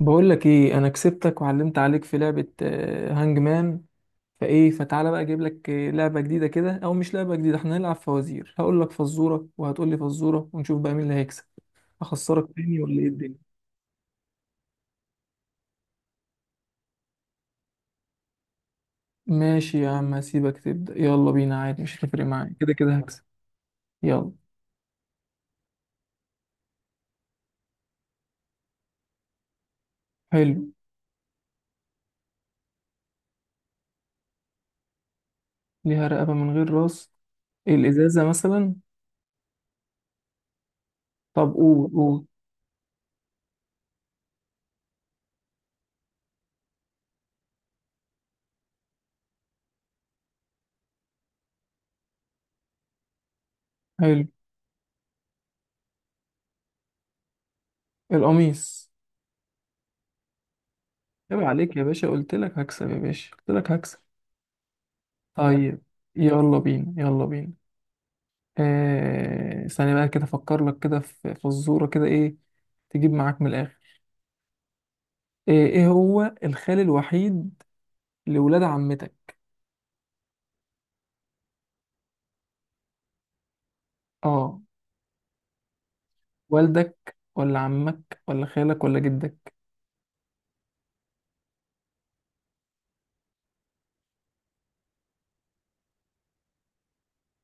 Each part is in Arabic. بقول لك ايه، انا كسبتك وعلمت عليك في لعبة هانج مان. فايه فتعالى بقى اجيب لك لعبة جديدة كده، او مش لعبة جديدة، احنا هنلعب فوازير. هقول لك فزورة وهتقول لي فزورة، ونشوف بقى مين اللي هيكسب. اخسرك تاني ولا ايه الدنيا؟ ماشي يا عم، هسيبك تبدأ، يلا بينا عادي، مش هتفرق معايا، كده كده هكسب. يلا. حلو. ليها رقبة من غير راس، الازازة مثلا. طب قول قول. حلو. القميص. عيب عليك يا باشا، قلت لك هكسب، يا باشا قلت لك هكسب. طيب يلا بينا يلا بينا. ثانية بقى كده أفكر لك كده في فزورة كده. إيه تجيب معاك من الآخر. إيه هو الخال الوحيد لولاد عمتك؟ آه. والدك ولا عمك ولا خالك ولا جدك؟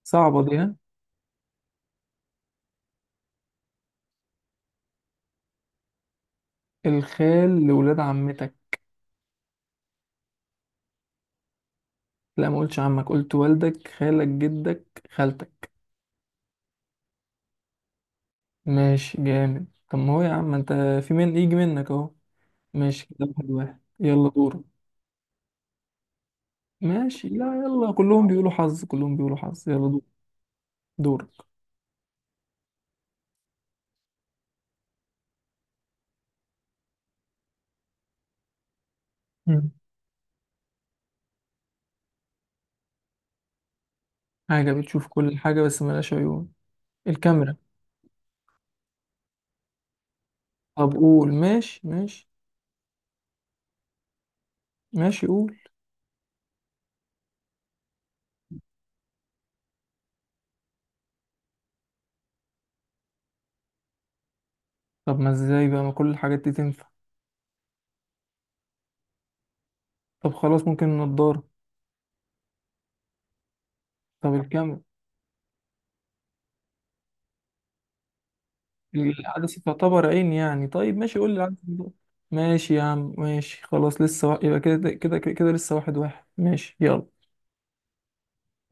صعبة دي، ها. الخال لولاد عمتك. لا، ما قلتش عمك، قلت والدك، خالك، جدك، خالتك. ماشي، جامد. طب ما هو يا عم أنت، في من يجي منك أهو. ماشي كده، واحد واحد، يلا دورك. ماشي، لا، يلا كلهم بيقولوا حظ، كلهم بيقولوا حظ، يلا دور. دورك. حاجة بتشوف كل حاجة بس ملهاش عيون، الكاميرا. طب قول، ماشي ماشي. ماشي قول. طب ما ازاي بقى، ما كل الحاجات دي تنفع؟ طب خلاص، ممكن النضارة. طب الكاميرا. العدسة تعتبر عين يعني. طيب ماشي، قول لي العدسة تعتبر- ماشي يا عم، ماشي خلاص، يبقى كده كده كده كده لسه واحد واحد، ماشي يلا.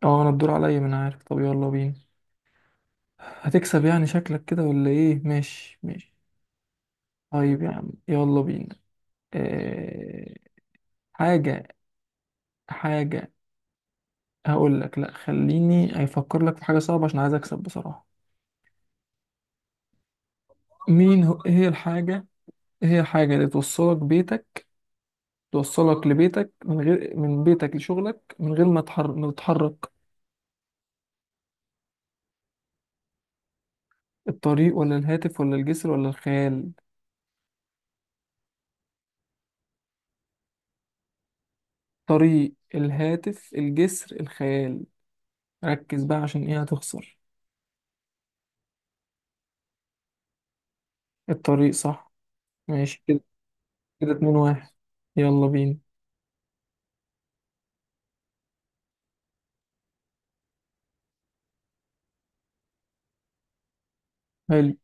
اه انا الدور عليا، ما انا عارف، طب يلا بينا. هتكسب يعني شكلك كده ولا ايه؟ ماشي ماشي. طيب يا عم، يلا بينا. آه... حاجة. حاجة. هقول لك، لا خليني افكر لك في حاجه صعبه، عشان عايز اكسب بصراحه. مين هو، إيه هي الحاجه. إيه هي الحاجه اللي توصلك بيتك، توصلك لبيتك من غير، من بيتك لشغلك من غير ما تتحرك. الطريق ولا الهاتف ولا الجسر ولا الخيال؟ طريق، الهاتف، الجسر، الخيال. ركز بقى، عشان ايه هتخسر. الطريق، صح. ماشي كده، كده اتنين واحد، يلا بينا. حلو.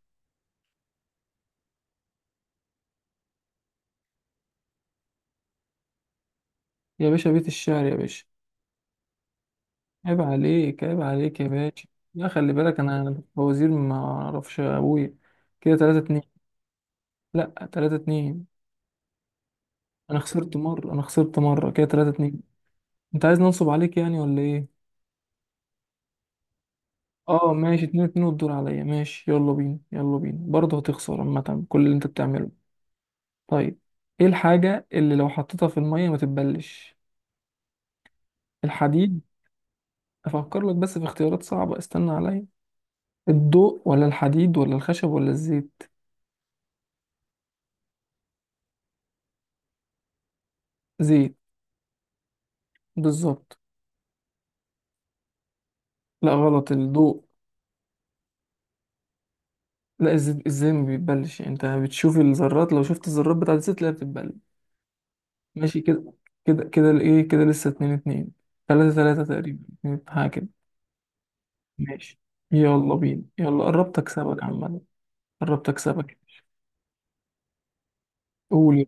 يا باشا بيت الشعر يا باشا. عيب عليك، عيب عليك يا باشا. لا خلي بالك، انا بوزير، ما اعرفش ابويا. كده 3-2. لا، 3-2. انا خسرت مرة، انا خسرت مرة، كده 3-2. انت عايز ننصب عليك يعني ولا ايه؟ اه ماشي، 2-2 والدور عليا، ماشي يلا بينا يلا بينا، برضه هتخسر عامة كل اللي انت بتعمله. طيب، ايه الحاجة اللي لو حطيتها في المية ما تتبلش؟ الحديد. افكر لك بس في اختيارات صعبة، استنى عليا. الضوء ولا الحديد ولا الخشب ولا الزيت؟ زيت. بالظبط. لا، غلط، الضوء. لا الزيت ازاي ما بيتبلش، انت بتشوف الذرات، لو شفت الذرات بتاعت الزيت تلاقيها بتتبل. ماشي كده. كده كده ايه، كده لسه اتنين اتنين، تلاتة تلاتة تقريبا، حاجة كده. ماشي، يلا بينا يلا، قربت اكسبك عمال. قربت اكسبك. قول.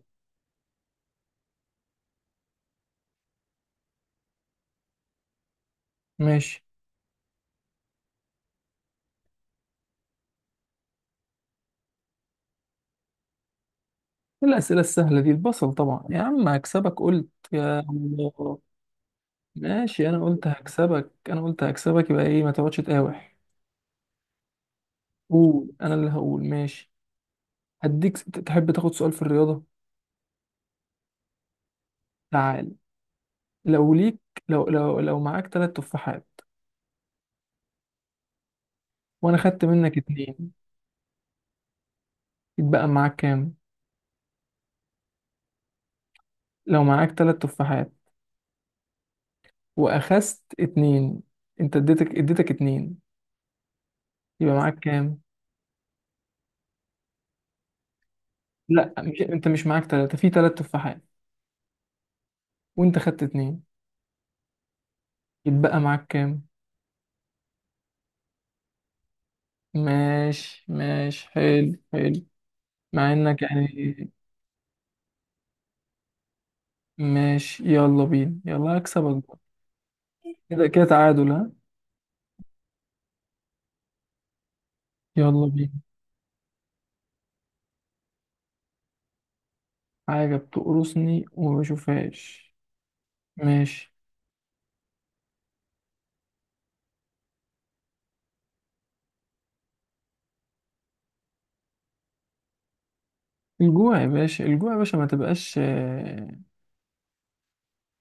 ماشي. إيه الأسئلة السهلة دي، البصل طبعا. يا عم هكسبك، قلت يا الله. ماشي، أنا قلت هكسبك، أنا قلت هكسبك، يبقى إيه، ما تقعدش تقاوح. قول، أنا اللي هقول، ماشي. هديك تحب تاخد سؤال في الرياضة؟ تعال. لو ليك، لو معاك تلات تفاحات وانا خدت منك اتنين، يتبقى معاك كام؟ لو معاك تلات تفاحات واخذت اتنين، انت اديتك اديتك اتنين، يبقى معاك كام؟ لا مش انت، مش معاك تلاتة، في تلات تفاحات وانت خدت اتنين، يتبقى معاك كام؟ ماشي ماشي، حلو حلو. مع انك يعني. ماشي، يلا بينا، يلا هكسبك بقى. كده كده تعادل، ها. يلا بينا. حاجة بتقرصني وما بشوفهاش. ماشي. الجوع يا باشا، الجوع يا باشا، ما تبقاش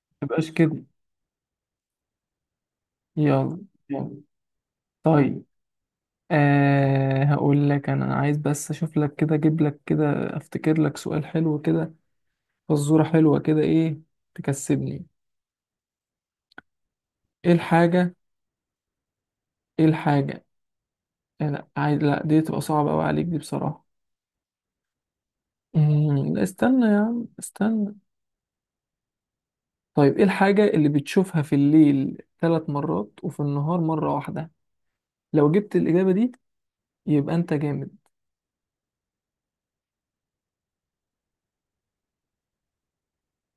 ما تبقاش كده. يلا. يلا. طيب، أه هقول لك، انا عايز بس اشوف لك كده، اجيب لك كده، افتكر لك سؤال حلو كده، فزوره حلوه كده. ايه تكسبني. ايه الحاجه، ايه الحاجه. لا عايز، لا دي تبقى صعبه قوي عليك دي بصراحه. لا استنى يا عم استنى. طيب، ايه الحاجه اللي بتشوفها في الليل 3 مرات وفي النهار مرة واحدة؟ لو جبت الاجابه دي، يبقى انت جامد.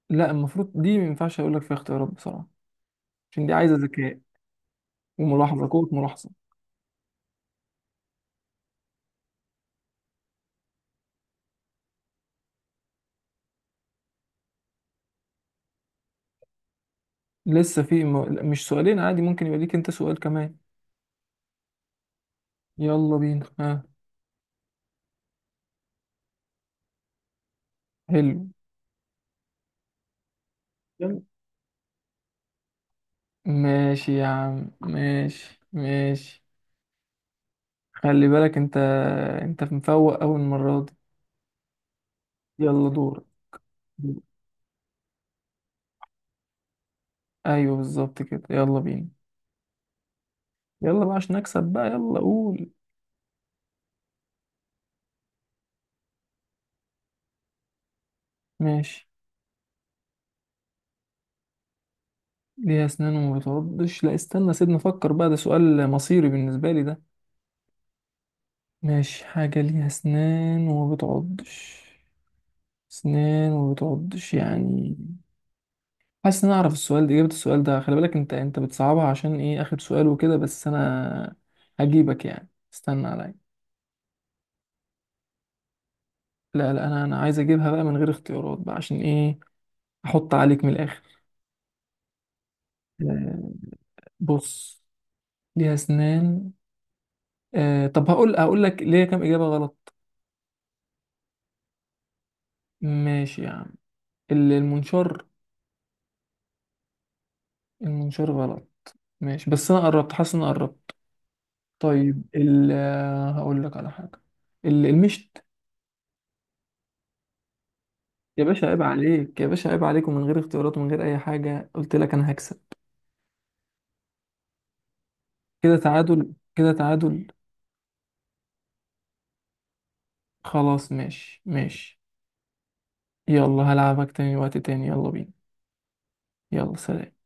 لا، المفروض دي ما ينفعش اقول لك فيها اختيارات بصراحه، عشان دي عايزه ذكاء وملاحظه، قوه ملاحظه. لا، مش سؤالين، عادي ممكن يبقى ليك انت سؤال كمان. يلا بينا، ها. حلو. يلا. ماشي يا عم، ماشي ماشي. خلي بالك انت، انت مفوق اول مره دي. يلا دور. ايوه بالظبط كده، يلا بينا. يلا بقى عشان نكسب بقى، يلا قول. ماشي. ليها اسنان وما بتعضش. لا استنى، سيبني افكر بقى، ده سؤال مصيري بالنسبه لي ده. ماشي، حاجة ليها أسنان وما بتعضش. أسنان وما بتعضش يعني. حاسس إن أنا أعرف السؤال ده، إجابة السؤال ده. خلي بالك أنت، أنت بتصعبها عشان إيه، آخر سؤال وكده، بس أنا هجيبك يعني، استنى عليا. لا لا، أنا عايز أجيبها بقى من غير اختيارات بقى، عشان إيه، أحط عليك من الآخر. آه، بص. ليها أسنان. آه، طب هقول، هقول لك ليه كام إجابة غلط. ماشي يا عم. المنشار. المنشار غلط. ماشي، بس أنا قربت، حاسس إن أنا قربت. طيب هقول لك على حاجة. المشت. يا باشا عيب عليك، يا باشا عيب عليك، ومن غير اختيارات ومن غير أي حاجة، قلت لك أنا هكسب. كده تعادل، كده تعادل. خلاص ماشي ماشي. يلا هلعبك تاني وقت تاني، يلا بينا. يلا، سلام.